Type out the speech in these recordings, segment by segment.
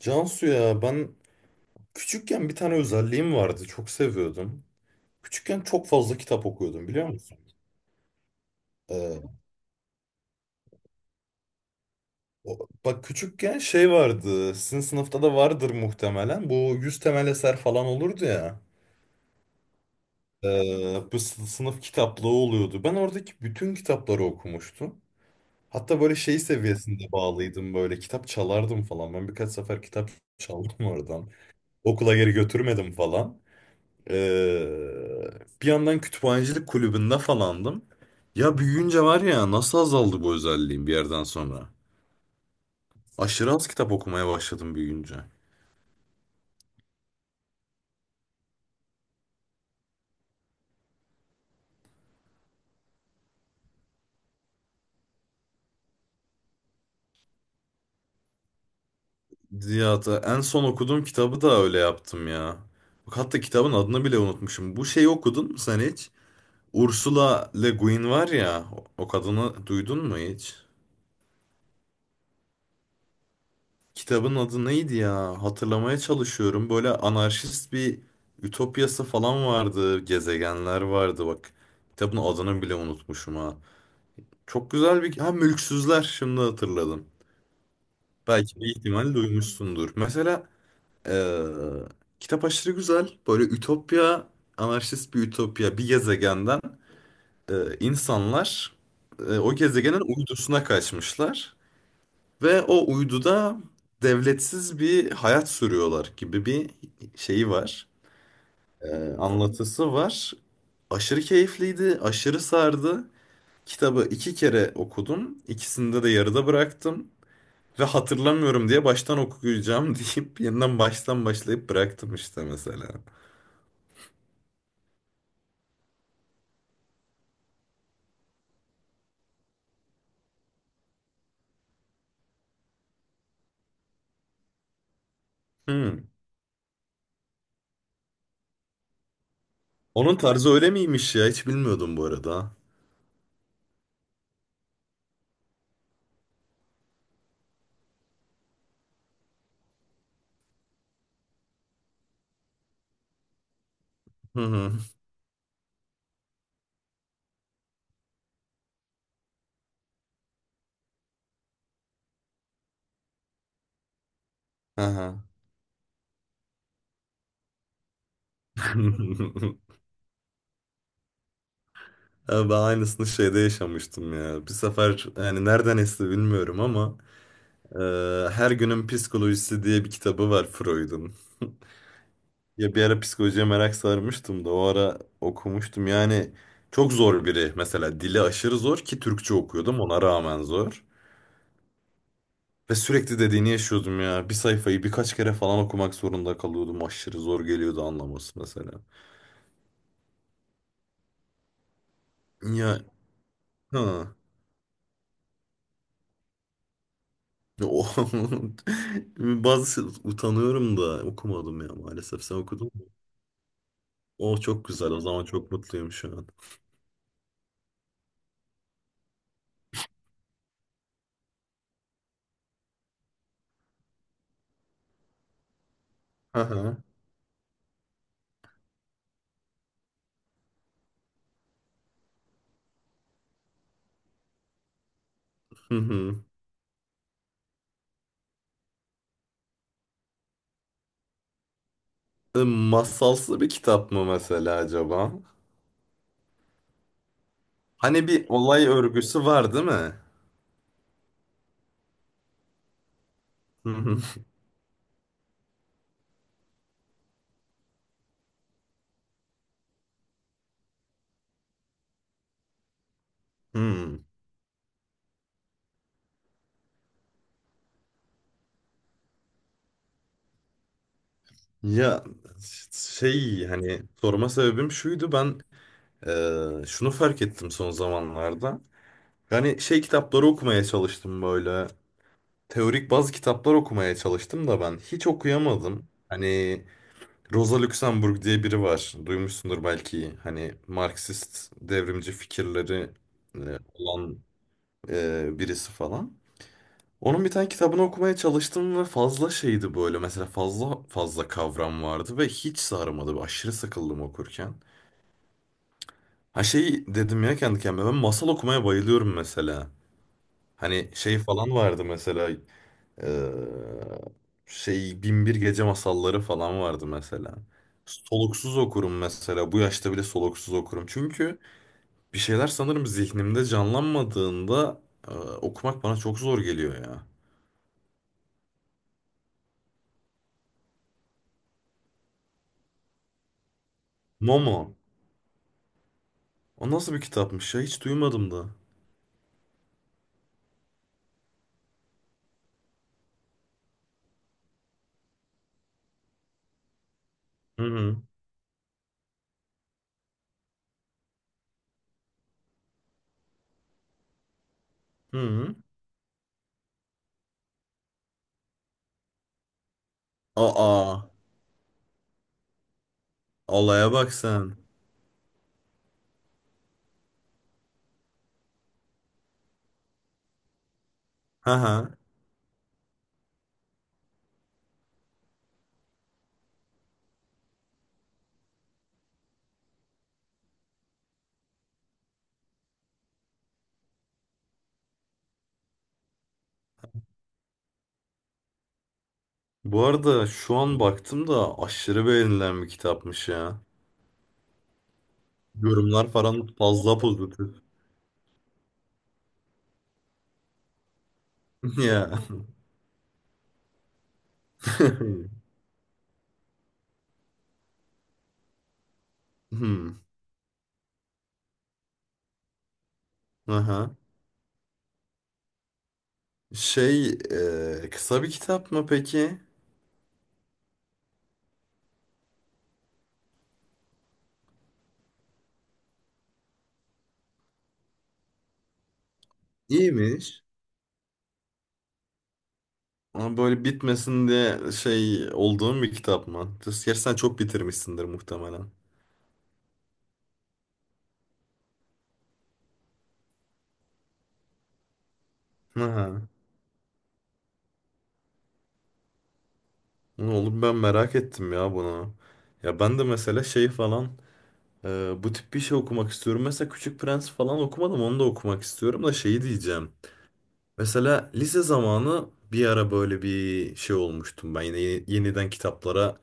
Cansu ya ben küçükken bir tane özelliğim vardı. Çok seviyordum. Küçükken çok fazla kitap okuyordum biliyor musun? Ee, Bak küçükken şey vardı. Sizin sınıfta da vardır muhtemelen. Bu 100 temel eser falan olurdu ya. Bu sınıf kitaplığı oluyordu. Ben oradaki bütün kitapları okumuştum. Hatta böyle şey seviyesinde bağlıydım, böyle kitap çalardım falan. Ben birkaç sefer kitap çaldım oradan. Okula geri götürmedim falan. Ee, Bir yandan kütüphanecilik kulübünde falandım. Ya büyüyünce var ya, nasıl azaldı bu özelliğim bir yerden sonra. Aşırı az kitap okumaya başladım büyüyünce. Ya da en son okuduğum kitabı da öyle yaptım ya. Bak hatta kitabın adını bile unutmuşum. Bu şeyi okudun mu sen hiç? Ursula Le Guin var ya, o kadını duydun mu hiç? Kitabın adı neydi ya? Hatırlamaya çalışıyorum. Böyle anarşist bir ütopyası falan vardı. Gezegenler vardı bak. Kitabın adını bile unutmuşum ha. Çok güzel bir... Ha, Mülksüzler, şimdi hatırladım. Belki bir ihtimal duymuşsundur. Mesela eee, kitap aşırı güzel. Böyle ütopya, anarşist bir ütopya. Bir gezegenden insanlar o gezegenin uydusuna kaçmışlar. Ve o uyduda devletsiz bir hayat sürüyorlar gibi bir şeyi var. Anlatısı var. Aşırı keyifliydi, aşırı sardı. Kitabı iki kere okudum. İkisinde de yarıda bıraktım. Ve hatırlamıyorum diye baştan okuyacağım deyip yeniden baştan başlayıp bıraktım işte mesela. Hmm. Onun tarzı öyle miymiş ya? Hiç bilmiyordum bu arada. Hı hı. Aha. Ya, ben aynısını şeyde yaşamıştım ya. Bir sefer yani nereden esti bilmiyorum ama e, Her Günün Psikolojisi diye bir kitabı var Freud'un. Ya bir ara psikolojiye merak sarmıştım da o ara okumuştum. Yani çok zor biri, mesela dili aşırı zor, ki Türkçe okuyordum ona rağmen zor. Ve sürekli dediğini yaşıyordum ya. Bir sayfayı birkaç kere falan okumak zorunda kalıyordum. Aşırı zor geliyordu anlaması mesela. Ya, ha. O- Bazı utanıyorum da okumadım ya maalesef. Sen okudun mu? O çok güzel. O zaman çok mutluyum şu an. Hı hı. Hı hı. E, masalsı bir kitap mı mesela acaba? Hani bir olay örgüsü var değil mi? Hı hı. Hmm. Ya şey, hani sorma sebebim şuydu, ben şunu fark ettim son zamanlarda. Yani şey kitapları okumaya çalıştım, böyle teorik bazı kitaplar okumaya çalıştım da ben hiç okuyamadım. Hani Rosa Luxemburg diye biri var. Duymuşsundur belki. Hani Marksist devrimci fikirleri olan birisi falan. Onun bir tane kitabını okumaya çalıştım ve fazla şeydi böyle. Mesela fazla fazla kavram vardı ve hiç sarmadı. Aşırı sıkıldım okurken. Ha şey dedim ya kendi kendime, ben masal okumaya bayılıyorum mesela. Hani şey falan vardı mesela. Ee, Şey, Bin bir Gece Masalları falan vardı mesela. Soluksuz okurum mesela. Bu yaşta bile soluksuz okurum. Çünkü bir şeyler sanırım zihnimde canlanmadığında okumak bana çok zor geliyor ya. Momo. O nasıl bir kitapmış ya? Hiç duymadım da. Hı hı. Hı hı. Aa. Olaya bak sen. Hı hı. Bu arada şu an baktım da aşırı beğenilen bir kitapmış ya. Yorumlar falan fazla pozitif. Ya. Hmm. Aha. Şey, kısa bir kitap mı peki? İyiymiş. Ama böyle bitmesin diye şey olduğum bir kitap mı? Gerçi sen çok bitirmişsindir muhtemelen. Aha. Oğlum, ben merak ettim ya bunu. Ya ben de mesela şey falan, bu tip bir şey okumak istiyorum. Mesela Küçük Prens falan okumadım, onu da okumak istiyorum da şeyi diyeceğim. Mesela lise zamanı bir ara böyle bir şey olmuştum ben, yine yeniden kitaplara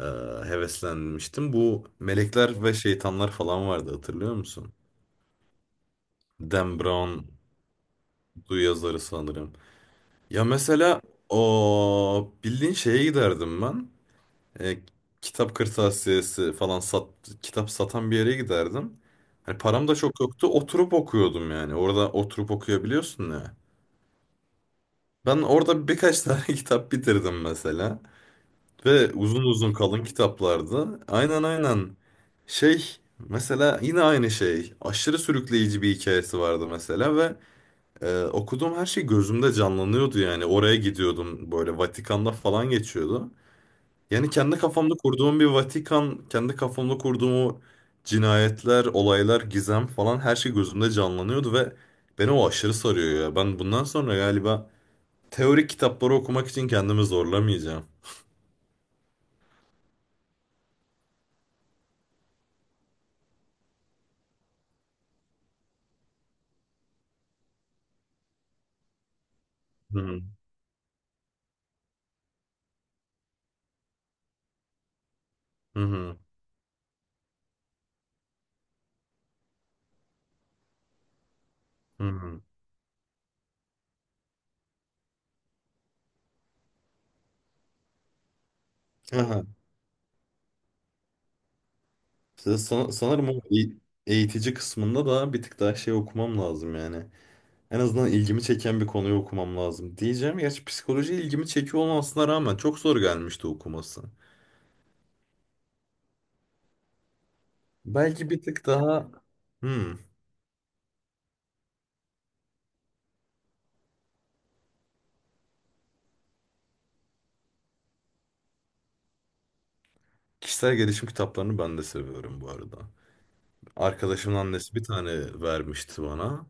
e, heveslenmiştim. Bu Melekler ve Şeytanlar falan vardı, hatırlıyor musun? Dan Brown du yazarı sanırım. Ya mesela o bildiğin şeye giderdim ben. E, Kitap kırtasiyesi falan sat, kitap satan bir yere giderdim. Hani param da çok yoktu. Oturup okuyordum yani. Orada oturup okuyabiliyorsun ya. Ben orada birkaç tane kitap bitirdim mesela. Ve uzun uzun kalın kitaplarda. Aynen aynen. Şey mesela yine aynı şey. Aşırı sürükleyici bir hikayesi vardı mesela ve okuduğum her şey gözümde canlanıyordu yani. Oraya gidiyordum, böyle Vatikan'da falan geçiyordu. Yani kendi kafamda kurduğum bir Vatikan, kendi kafamda kurduğum o cinayetler, olaylar, gizem falan, her şey gözümde canlanıyordu ve beni o aşırı sarıyor ya. Ben bundan sonra galiba teorik kitapları okumak için kendimi zorlamayacağım. Hı hı hı. Hı. Hı hı. Aha. Sanırım o eğitici kısmında da bir tık daha şey okumam lazım yani. En azından ilgimi çeken bir konuyu okumam lazım diyeceğim. Gerçi psikoloji ilgimi çekiyor olmasına rağmen çok zor gelmişti okuması. Belki bir tık daha hmm, kişisel gelişim kitaplarını ben de seviyorum bu arada. Arkadaşımın annesi bir tane vermişti bana.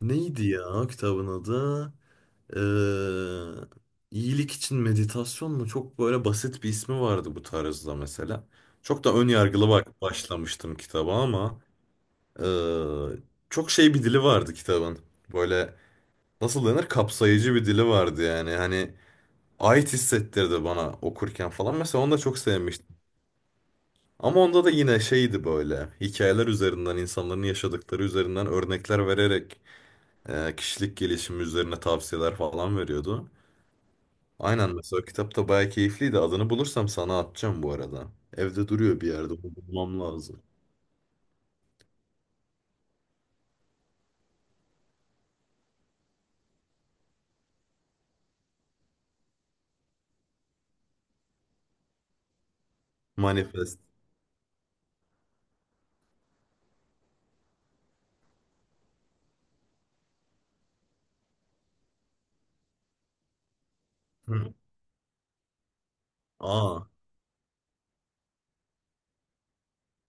Neydi ya kitabın adı? Eee iyilik için meditasyon mu? Çok böyle basit bir ismi vardı bu tarzda mesela. Çok da ön yargılı bak başlamıştım kitaba, ama eee, çok şey bir dili vardı kitabın. Böyle nasıl denir? Kapsayıcı bir dili vardı yani. Hani ait hissettirdi bana okurken falan. Mesela onu da çok sevmiştim. Ama onda da yine şeydi, böyle hikayeler üzerinden, insanların yaşadıkları üzerinden örnekler vererek kişilik gelişimi üzerine tavsiyeler falan veriyordu. Aynen, mesela kitap da bayağı keyifliydi. Adını bulursam sana atacağım bu arada. Evde duruyor bir yerde. Bunu bulmam lazım. Manifest. Hı. Aa,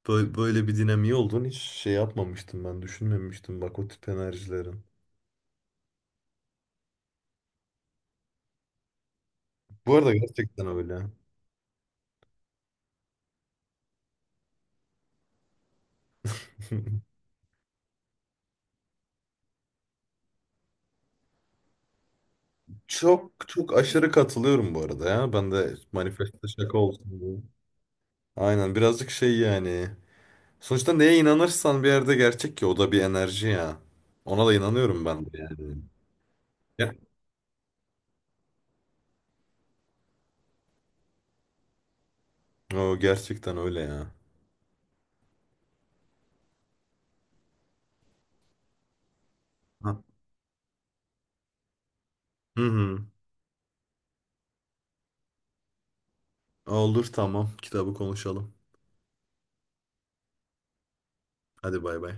böyle bir dinamiği olduğunu hiç şey yapmamıştım ben. Düşünmemiştim bak o tip enerjilerin. Bu arada gerçekten öyle. Çok çok aşırı katılıyorum bu arada ya. Ben de manifeste şaka olsun diye. Aynen, birazcık şey yani. Sonuçta neye inanırsan bir yerde gerçek, ki o da bir enerji ya. Ona da inanıyorum ben de yani. Ya. O gerçekten öyle ya. Hı hı. Olur, tamam. Kitabı konuşalım. Hadi, bay bay.